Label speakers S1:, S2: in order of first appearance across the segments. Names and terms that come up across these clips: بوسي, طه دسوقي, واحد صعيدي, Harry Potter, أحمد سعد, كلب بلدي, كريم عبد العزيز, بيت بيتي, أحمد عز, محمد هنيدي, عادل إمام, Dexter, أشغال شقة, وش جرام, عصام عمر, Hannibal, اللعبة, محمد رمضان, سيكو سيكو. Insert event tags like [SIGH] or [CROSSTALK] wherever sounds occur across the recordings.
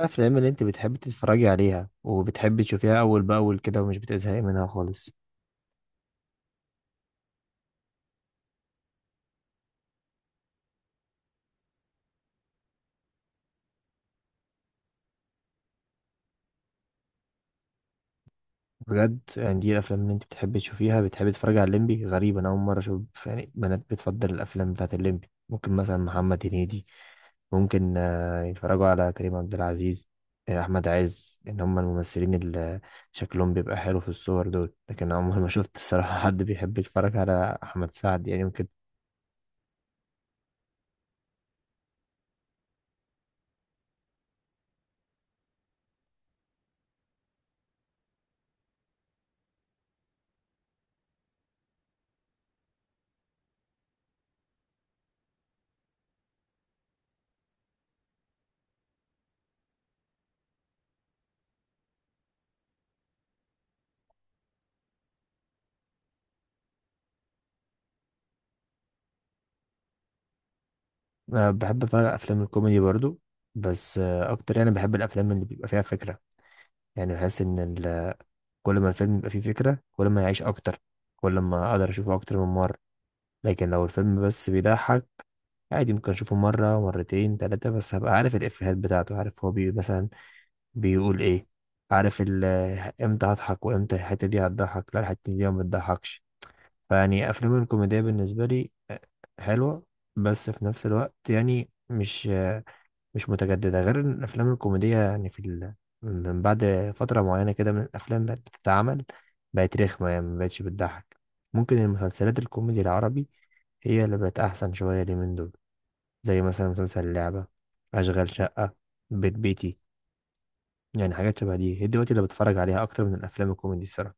S1: الأفلام اللي أنت بتحبي تتفرجي عليها وبتحبي تشوفيها أول بأول كده ومش بتزهقي منها خالص؟ بجد؟ يعني دي الأفلام اللي أنت بتحبي تشوفيها؟ بتحبي تتفرجي على الليمبي؟ غريب، أنا أول مرة أشوف يعني بنات بتفضل الأفلام بتاعت الليمبي. ممكن مثلا محمد هنيدي، ممكن يتفرجوا على كريم عبد العزيز، أحمد عز، إن هم الممثلين اللي شكلهم بيبقى حلو في الصور دول، لكن أنا عمري ما [LAUGHS] شفت الصراحة حد بيحب يتفرج على أحمد سعد، يعني ممكن. أه، بحب اتفرج على افلام الكوميدي برضو، بس اكتر، يعني بحب الافلام اللي بيبقى فيها فكره. يعني بحس ان كل ما الفيلم يبقى فيه فكره، كل ما يعيش اكتر، كل ما اقدر اشوفه اكتر من مره. لكن لو الفيلم بس بيضحك، عادي ممكن اشوفه مره، مرتين، ثلاثه، بس هبقى عارف الافيهات بتاعته، عارف هو بي مثلا بيقول ايه، عارف امتى هضحك وامتى الحته دي هتضحك. لا، الحته دي ما بتضحكش. فيعني افلام الكوميديا بالنسبه لي حلوه. بس في نفس الوقت يعني مش متجددة، غير إن الأفلام الكوميدية يعني من بعد فترة معينة كده من الأفلام بقت بتتعمل، بقت رخمة، يعني مبقتش بتضحك. ممكن المسلسلات الكوميدي العربي هي اللي بقت أحسن شوية اليومين دول، زي مثلا مسلسل اللعبة، أشغال شقة، بيت بيتي، يعني حاجات شبه دي هي دلوقتي اللي بتفرج عليها أكتر من الأفلام الكوميدي الصراحة.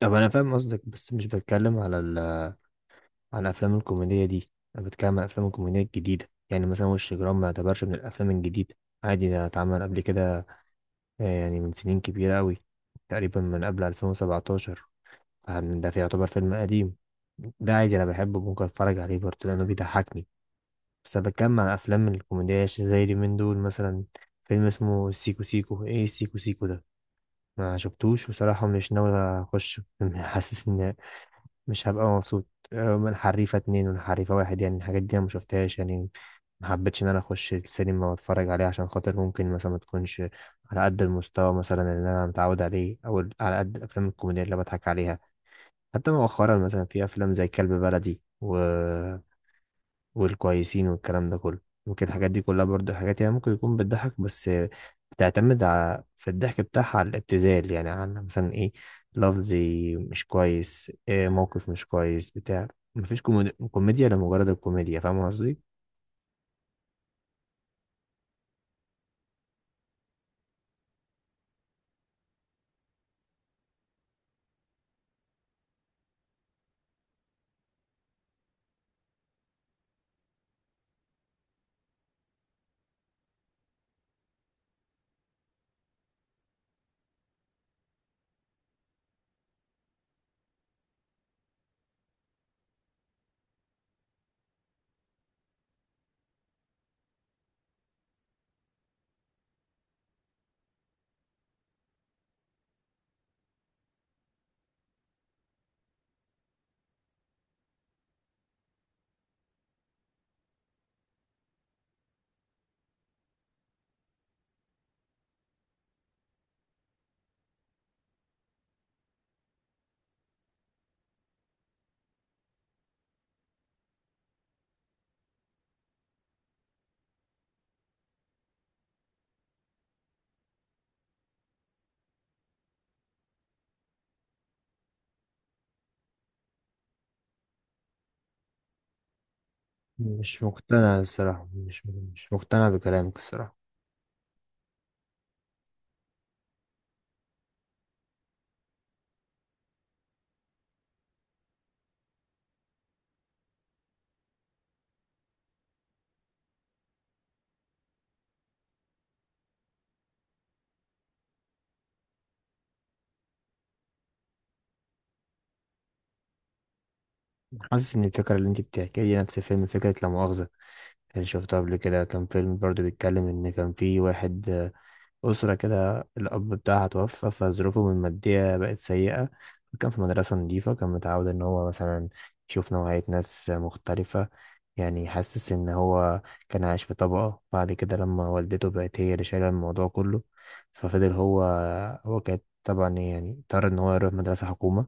S1: طب أنا فاهم قصدك، بس مش بتكلم على على الأفلام الكوميدية دي، أنا بتكلم على الأفلام الكوميدية الجديدة. يعني مثلا وش جرام ما يعتبرش من الأفلام الجديدة، عادي ده اتعمل قبل كده، يعني من سنين كبيرة أوي، تقريبا من قبل 2017. فاهم؟ ده في يعتبر فيلم قديم، ده عادي أنا بحبه، ممكن أتفرج عليه برضه لأنه بيضحكني. بس أنا بتكلم عن أفلام الكوميديا زي اليومين دول، مثلا فيلم اسمه سيكو سيكو، إيه سيكو سيكو ده، ما شفتوش بصراحة، مش ناوي أخش [LAUGHS] حاسس إن مش هبقى مبسوط. من حريفة اتنين ولا حريفة واحد، يعني الحاجات دي أنا مشفتهاش، يعني ما حبيتش ان انا اخش السينما واتفرج عليه، عشان خاطر ممكن مثلا ما تكونش على قد المستوى مثلا اللي انا متعود عليه، او على قد الافلام الكوميديه اللي بضحك عليها. حتى مؤخرا مثلا في افلام زي كلب بلدي و... والكويسين والكلام ده كله، ممكن الحاجات دي كلها برضو حاجات، يعني ممكن يكون بتضحك، بس بتعتمد على في الضحك بتاعها على الابتذال، يعني على مثلا ايه، لفظي مش كويس، إيه، موقف مش كويس بتاع، مفيش كوميديا، كوميديا لمجرد الكوميديا، فاهم قصدي؟ مش مقتنع الصراحة، مش مقتنع بكلامك الصراحة. حاسس إن الفكرة اللي أنت بتحكيها دي نفس فيلم، فكرة لا مؤاخذة اللي شفته قبل كده، كان فيلم برضو بيتكلم إن كان في واحد، أسرة كده الأب بتاعها توفى، فظروفه المادية بقت سيئة. كان في مدرسة نظيفة، كان متعود إن هو مثلا يشوف نوعية ناس مختلفة، يعني حاسس إن هو كان عايش في طبقة. بعد كده لما والدته بقت هي اللي شايلة الموضوع كله، ففضل هو، هو كانت طبعا يعني اضطر إن هو يروح مدرسة حكومة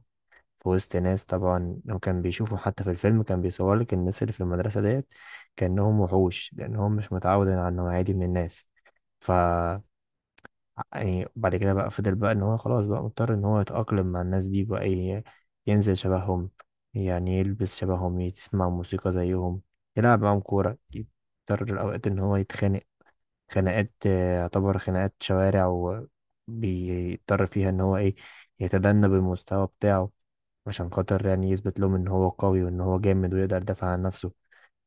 S1: في وسط ناس. طبعا لو كان بيشوفه حتى في الفيلم، كان بيصور لك الناس اللي في المدرسة ديت كأنهم وحوش، لأنهم مش متعود على النوعية دي من الناس. ف يعني بعد كده بقى فضل بقى ان هو خلاص بقى مضطر ان هو يتأقلم مع الناس دي بقى، ينزل شبههم، يعني يلبس شبههم، يسمع موسيقى زيهم، يلعب معاهم كورة، يضطر الأوقات ان هو يتخانق خناقات، يعتبر خناقات شوارع، وبيضطر فيها ان هو ايه، يتدنى بالمستوى بتاعه، عشان خاطر يعني يثبت لهم ان هو قوي وان هو جامد ويقدر يدافع عن نفسه.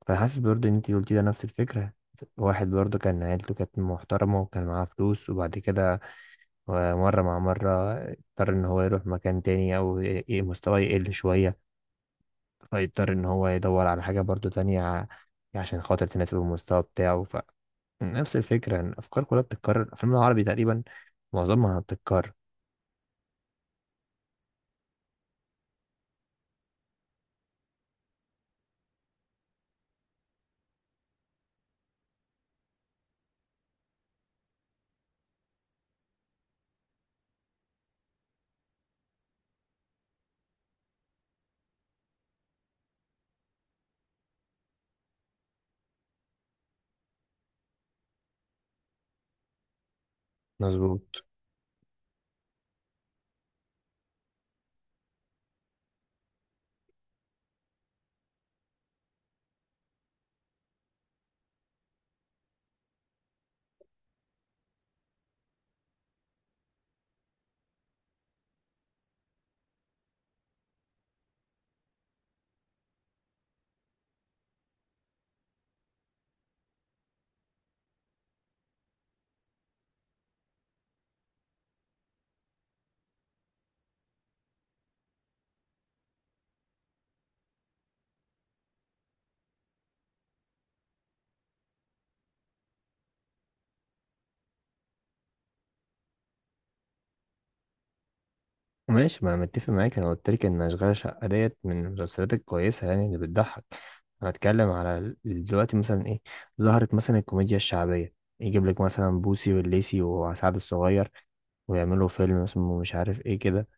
S1: فحاسس برضه ان انت قلتي ده نفس الفكرة. واحد برضه كان عيلته كانت محترمة وكان معاه فلوس، وبعد كده ومرة مع مرة اضطر إن هو يروح مكان تاني، أو مستواه يقل شوية، فيضطر إن هو يدور على حاجة برضو تانية، عشان خاطر تناسب المستوى بتاعه. فنفس الفكرة، إن الأفكار كلها بتتكرر، الأفلام العربي تقريبا معظمها بتتكرر. مظبوط. ماشي، ما أنا متفق معاك، أنا قلت لك إن أشغال شقة ديت من المسلسلات الكويسة، يعني اللي بتضحك. أنا بتكلم على دلوقتي مثلا إيه، ظهرت مثلا الكوميديا الشعبية، يجيب لك مثلا بوسي والليسي وسعد الصغير، ويعملوا فيلم اسمه مش عارف ايه كده،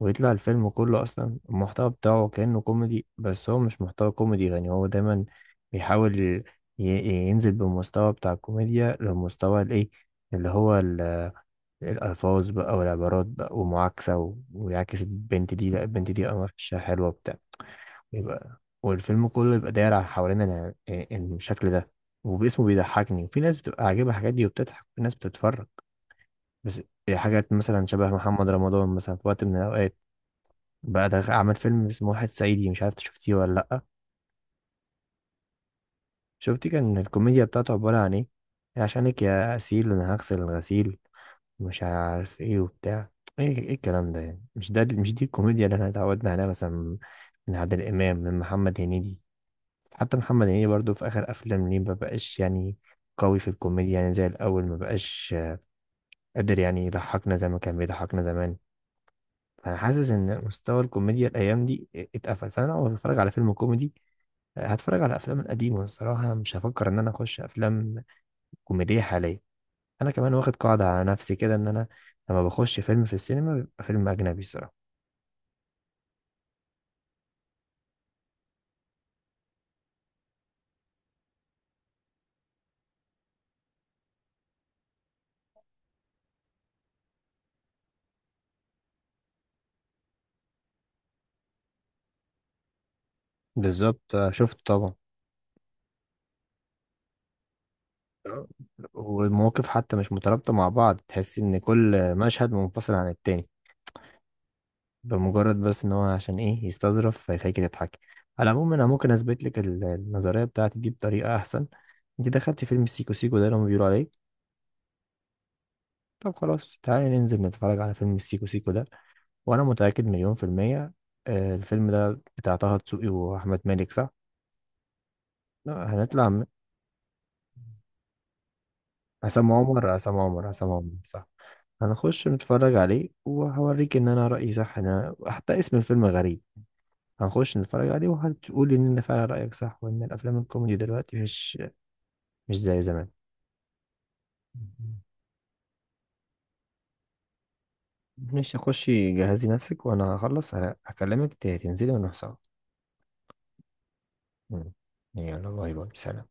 S1: ويطلع الفيلم كله اصلا المحتوى بتاعه كأنه كوميدي، بس هو مش محتوى كوميدي. يعني هو دايما بيحاول ينزل بالمستوى بتاع الكوميديا للمستوى الايه، اللي هو الألفاظ بقى والعبارات بقى ومعاكسة ويعكس البنت دي، لا البنت دي قمر، وشها حلوة، بتاع، يبقى والفيلم كله يبقى داير على حوالين الشكل ده، وباسمه بيضحكني، وفي ناس بتبقى عاجبها الحاجات دي وبتضحك، وفي ناس بتتفرج بس. هي حاجات مثلا شبه محمد رمضان مثلا في وقت من الأوقات، بقى ده عمل فيلم اسمه واحد صعيدي، مش عارف إنت شفتيه ولا لأ. شفتي كان الكوميديا بتاعته عبارة عن إيه؟ عشانك يا أسيل أنا هغسل الغسيل، مش عارف إيه وبتاع، إيه إيه الكلام ده؟ يعني مش ده، مش دي الكوميديا اللي إحنا اتعودنا عليها، مثلا من عادل إمام، من محمد هنيدي. حتى محمد هنيدي برضو في آخر أفلام ليه مبقاش يعني قوي في الكوميديا، يعني زي الأول مبقاش قادر يعني يضحكنا زي ما كان بيضحكنا زمان. فانا حاسس ان مستوى الكوميديا الايام دي اتقفل، فانا لو هتفرج على فيلم كوميدي، هتفرج على افلام القديمه الصراحه، مش هفكر ان انا اخش افلام كوميديه حاليا. انا كمان واخد قاعده على نفسي كده، ان انا لما بخش فيلم في السينما بيبقى فيلم اجنبي الصراحه. بالظبط، شفت طبعا. آه. والمواقف حتى مش مترابطه مع بعض، تحس ان كل مشهد منفصل عن التاني، بمجرد بس ان هو عشان ايه يستظرف فيخليك تضحك. على العموم انا ممكن اثبت لك النظريه بتاعتي دي بطريقه احسن. انت دخلت فيلم سيكو سيكو ده اللي هم بيقولوا عليه؟ طب خلاص تعالي ننزل نتفرج على فيلم السيكو سيكو ده، وانا متأكد مليون في المية، الفيلم ده بتاع طه دسوقي واحمد مالك، صح؟ لا، هنطلع عصام عمر، عصام عمر، عصام عمر، صح؟ هنخش نتفرج عليه وهوريك ان انا رأيي صح، انا حتى اسم الفيلم غريب. هنخش نتفرج عليه وهتقولي ان أنا فعلا رأيك صح، وان الافلام الكوميدي دلوقتي مش زي زمان. مش هخشي، جهزي نفسك وانا هخلص، هكلمك تنزلي ونروح سوا. مم. يلا، باي باي، سلام.